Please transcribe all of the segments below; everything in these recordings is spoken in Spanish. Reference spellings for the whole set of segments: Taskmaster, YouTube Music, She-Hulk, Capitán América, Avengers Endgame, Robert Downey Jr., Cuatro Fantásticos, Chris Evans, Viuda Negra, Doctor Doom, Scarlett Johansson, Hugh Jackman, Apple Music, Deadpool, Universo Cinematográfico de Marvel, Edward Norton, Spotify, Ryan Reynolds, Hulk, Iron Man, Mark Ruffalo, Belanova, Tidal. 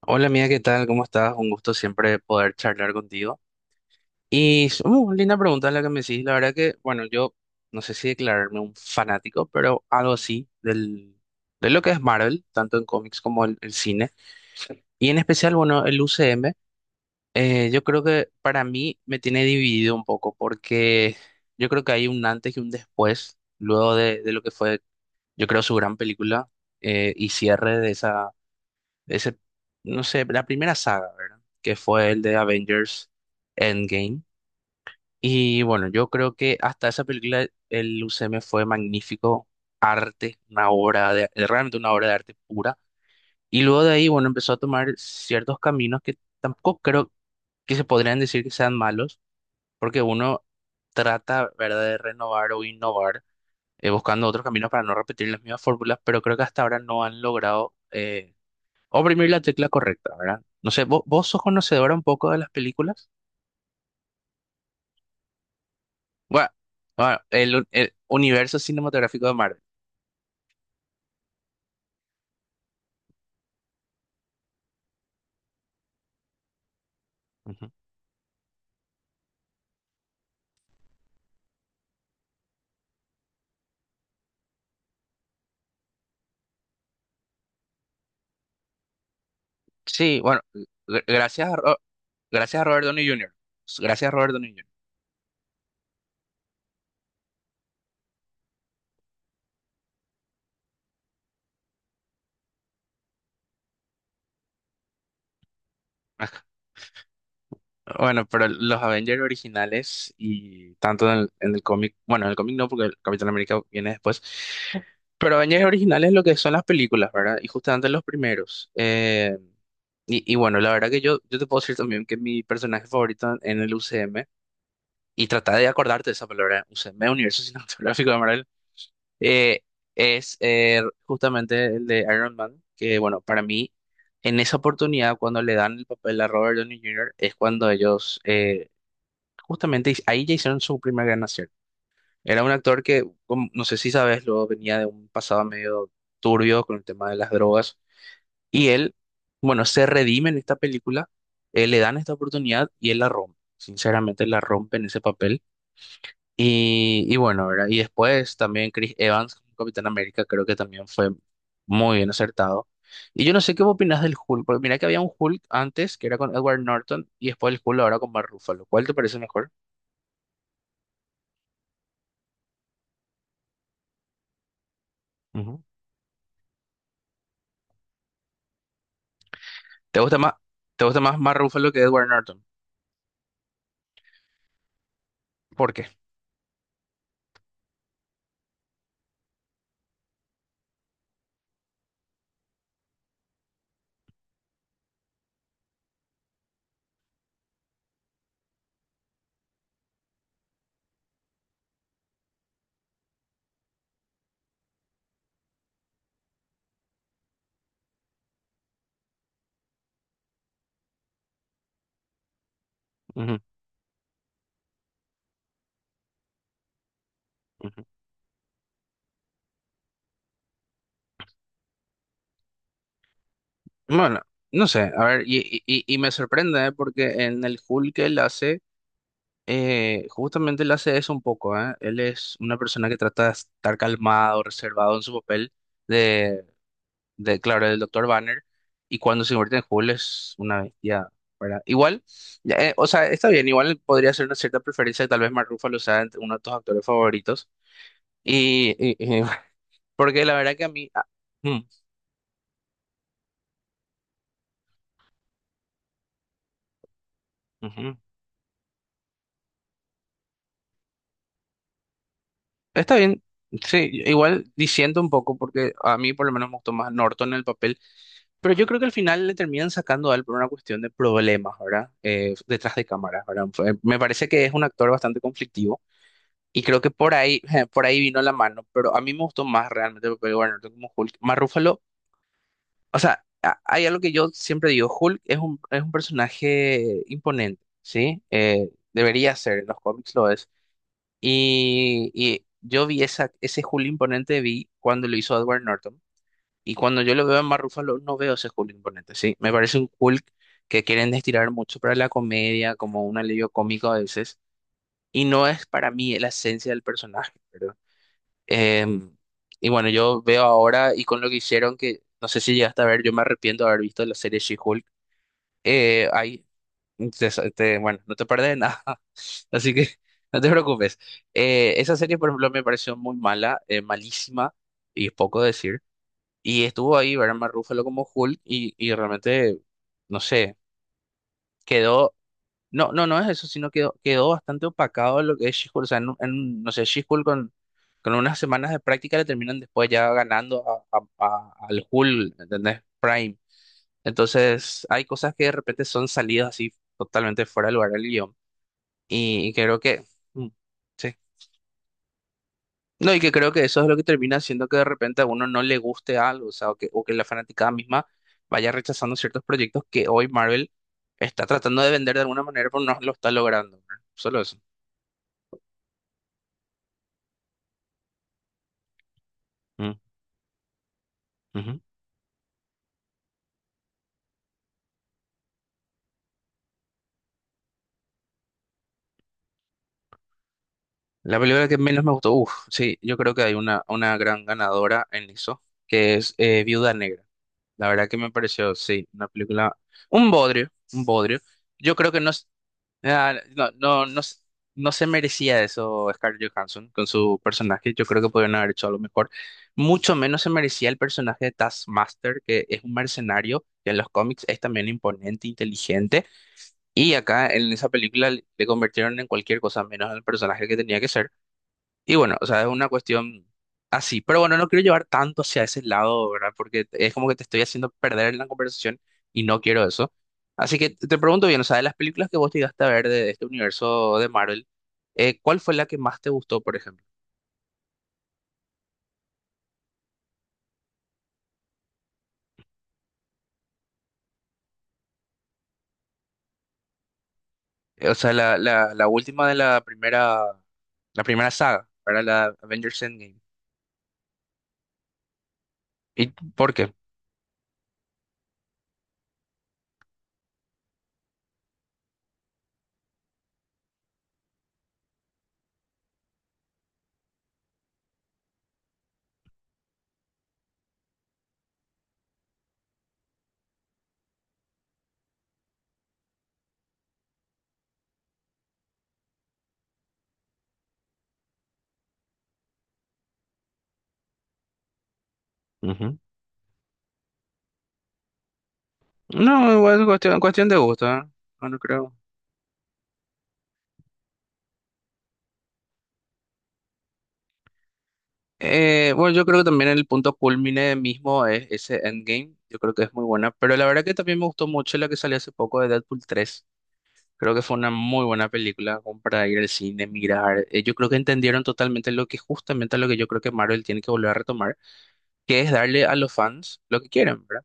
Hola mía, ¿qué tal? ¿Cómo estás? Un gusto siempre poder charlar contigo. Linda pregunta la que me hiciste. La verdad que, bueno, yo no sé si declararme un fanático, pero algo así de lo que es Marvel, tanto en cómics como el cine. Y en especial, bueno, el UCM, yo creo que para mí me tiene dividido un poco, porque yo creo que hay un antes y un después, luego de lo que fue, yo creo, su gran película y cierre de esa ese, no sé, la primera saga, ¿verdad? Que fue el de Avengers Endgame. Y bueno, yo creo que hasta esa película el UCM fue magnífico arte, realmente una obra de arte pura. Y luego de ahí, bueno, empezó a tomar ciertos caminos que tampoco creo que se podrían decir que sean malos, porque uno trata, ¿verdad?, de renovar o innovar, buscando otros caminos para no repetir las mismas fórmulas, pero creo que hasta ahora no han logrado oprimir la tecla correcta, ¿verdad? No sé, ¿vos, sos conocedora un poco de las películas? Bueno, bueno, el universo cinematográfico de Marvel. Ujú. Sí, bueno, gr- gracias a, Ro- gracias a Robert Downey Jr. Gracias a Robert Downey Jr. Bueno, pero los Avengers originales y tanto en el cómic, bueno, en el cómic no, porque el Capitán América viene después, pero Avengers originales lo que son las películas, ¿verdad? Y justamente los primeros. Y bueno, la verdad que yo te puedo decir también que mi personaje favorito en el UCM y trata de acordarte de esa palabra, UCM, Universo Cinematográfico de Marvel, eh, es justamente el de Iron Man, que bueno, para mí, en esa oportunidad, cuando le dan el papel a Robert Downey Jr., es cuando ellos, justamente ahí ya hicieron su primer gran acierto. Era un actor que, no sé si sabes, luego venía de un pasado medio turbio con el tema de las drogas, y él, bueno, se redime en esta película, le dan esta oportunidad y él la rompe. Sinceramente, la rompe en ese papel. Y bueno, ¿verdad? Y después también Chris Evans como Capitán América creo que también fue muy bien acertado. Y yo no sé qué opinas del Hulk, porque mira que había un Hulk antes que era con Edward Norton y después el Hulk ahora con Mark Ruffalo. ¿Cuál te parece mejor? Ujú. ¿Te gusta más, te gusta más Mark Ruffalo que Edward Norton? ¿Por qué? Ujú, ujú. Bueno, no sé, a ver, y me sorprende, ¿eh? Porque en el Hulk que él hace, justamente él hace eso un poco, ¿eh? Él es una persona que trata de estar calmado, reservado en su papel de, de claro, del doctor Banner, y cuando se convierte en Hulk es una bestia, ¿verdad? Igual, ya, o sea, está bien, igual podría ser una cierta preferencia, tal vez Mark Ruffalo sea entre uno de tus actores favoritos, y, y- y- porque la verdad que a mí. Ah, mm, ujú. Está bien, sí, igual diciendo un poco, porque a mí por lo menos me gustó más Norton en el papel, pero yo creo que al final le terminan sacando a él por una cuestión de problemas, ¿verdad? Detrás de cámaras, ¿verdad? Me parece que es un actor bastante conflictivo y creo que por ahí, por ahí vino la mano, pero a mí me gustó más realmente el papel de Edward Norton como Hulk. Más Ruffalo, o sea, hay algo que yo siempre digo, Hulk es un personaje imponente, ¿sí? Debería ser, en los cómics lo es y yo vi ese Julio Imponente vi cuando lo hizo Edward Norton. Y cuando yo lo veo en Mark Ruffalo, no veo ese Julio Imponente, ¿sí? Me parece un Hulk que quieren estirar mucho para la comedia, como un alivio cómico a veces. Y no es para mí la esencia del personaje, ¿verdad? Em, y bueno, yo veo ahora, y con lo que hicieron, que no sé si llegaste a ver, yo me arrepiento de haber visto la serie She-Hulk. Eh, hay bueno, no te perdés de nada, así que no te preocupes. Esa serie, por ejemplo, me pareció muy mala, malísima, y es poco decir. Y estuvo ahí Barman Ruffalo como Hulk, y realmente, no sé, quedó. No, no, no es eso, sino quedó, quedó bastante opacado lo que es She-Hulk. O sea, no sé, She-Hulk con unas semanas de práctica le terminan después ya ganando al Hulk, ¿entendés? Prime. Entonces, hay cosas que de repente son salidas así totalmente fuera de lugar del guión. Y creo que, mm, sí. No, y que creo que eso es lo que termina haciendo que de repente a uno no le guste algo, o sea, o que, la fanaticada misma vaya rechazando ciertos proyectos que hoy Marvel está tratando de vender de alguna manera, pero no lo está logrando, ¿verdad? Solo eso. Mm, ujú. La película que menos me gustó, uff, sí, yo creo que hay una gran ganadora en eso, que es Viuda Negra. La verdad que me pareció, sí, una película, un bodrio, un bodrio. Yo creo que no. Ah, no, no, no, no se merecía eso Scarlett Johansson con su personaje. Yo creo que podrían haber hecho algo mejor. Mucho menos se merecía el personaje de Taskmaster, que es un mercenario, que en los cómics es también imponente, inteligente. Y acá en esa película le convirtieron en cualquier cosa menos en el personaje que tenía que ser. Y bueno, o sea, es una cuestión así. Pero bueno, no quiero llevar tanto hacia ese lado, ¿verdad? Porque es como que te estoy haciendo perder en la conversación y no quiero eso. Así que te pregunto bien, o sea, de las películas que vos llegaste a ver de, este universo de Marvel, ¿cuál fue la que más te gustó, por ejemplo? O sea, la última de la primera, saga, para La Avengers Endgame. ¿Y por qué? Ujú. No, igual es cuestión de gusto, ¿eh? No, no creo. Bueno, yo creo que también el punto culmine mismo es ese Endgame. Yo creo que es muy buena. Pero la verdad que también me gustó mucho la que salió hace poco de Deadpool 3. Creo que fue una muy buena película como para ir al cine, mirar. Yo creo que entendieron totalmente lo que justamente lo que yo creo que Marvel tiene que volver a retomar, que es darle a los fans lo que quieren, ¿verdad?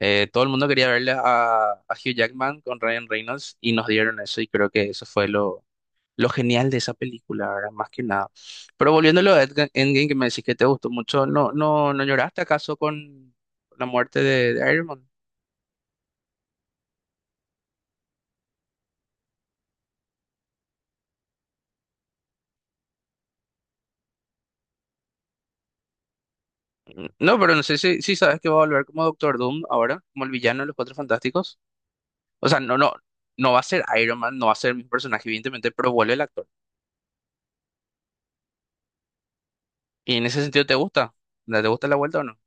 Todo el mundo quería verle a, Hugh Jackman con Ryan Reynolds y nos dieron eso y creo que eso fue lo genial de esa película, ¿verdad? Más que nada. Pero volviéndolo a Endgame, que me decís que te gustó mucho, ¿no, no, no lloraste acaso con la muerte de Iron Man? Mm. No, pero no sé si sabes que va a volver como Doctor Doom ahora, como el villano de los Cuatro Fantásticos. O sea, no, no, no va a ser Iron Man, no va a ser mi personaje, evidentemente, pero vuelve el actor. Y en ese sentido, ¿te gusta? ¿Te gusta la vuelta o no?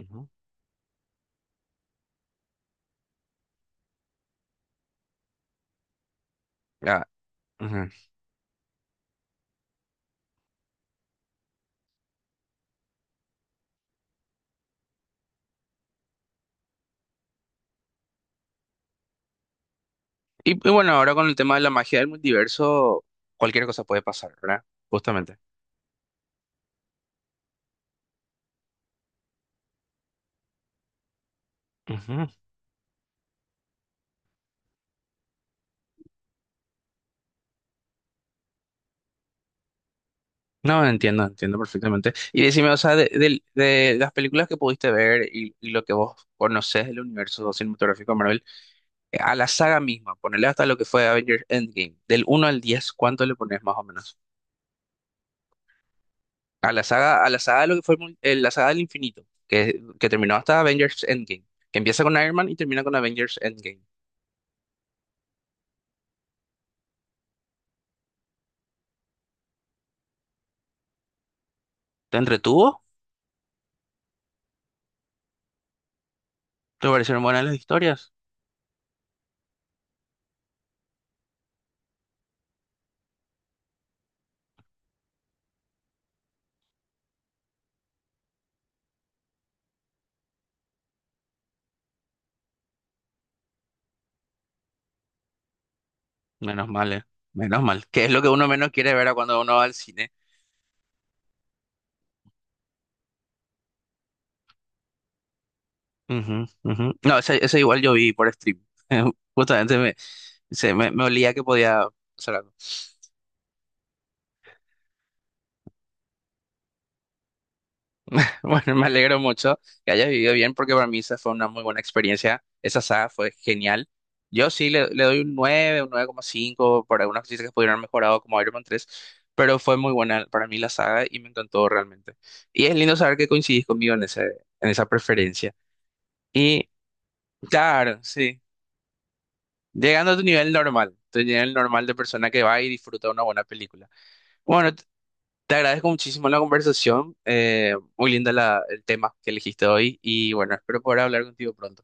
Ujú. Ah, ujú. Y bueno, ahora con el tema de la magia del multiverso, cualquier cosa puede pasar, ¿verdad? Justamente. Ujú. No, entiendo, entiendo perfectamente. Y decime, o sea, de, de las películas que pudiste ver y lo que vos conocés del universo cinematográfico de Marvel, a la saga misma, ponele hasta lo que fue Avengers Endgame, del 1 al 10, ¿cuánto le pones más o menos? A la saga de lo que fue el la saga del infinito, que terminó hasta Avengers Endgame, que empieza con Iron Man y termina con Avengers Endgame. ¿Te entretuvo? ¿Te parecieron buenas las historias? Menos mal, eh. Menos mal. Que es lo que uno menos quiere ver a cuando uno va al cine. Ujú, ujú. No, ese igual yo vi por stream. Justamente me olía que podía hacer algo. Bueno, me alegro mucho que hayas vivido bien porque para mí esa fue una muy buena experiencia. Esa saga fue genial. Yo sí le doy un nueve, un 9,5 para algunas cosas que pudieron haber mejorado como Iron Man 3, pero fue muy buena para mí la saga y me encantó realmente. Y es lindo saber que coincidís conmigo en ese, en esa preferencia. Y claro, sí. Llegando a tu nivel normal de persona que va y disfruta una buena película. Bueno, te agradezco muchísimo la conversación, muy linda el tema que elegiste hoy y bueno, espero poder hablar contigo pronto.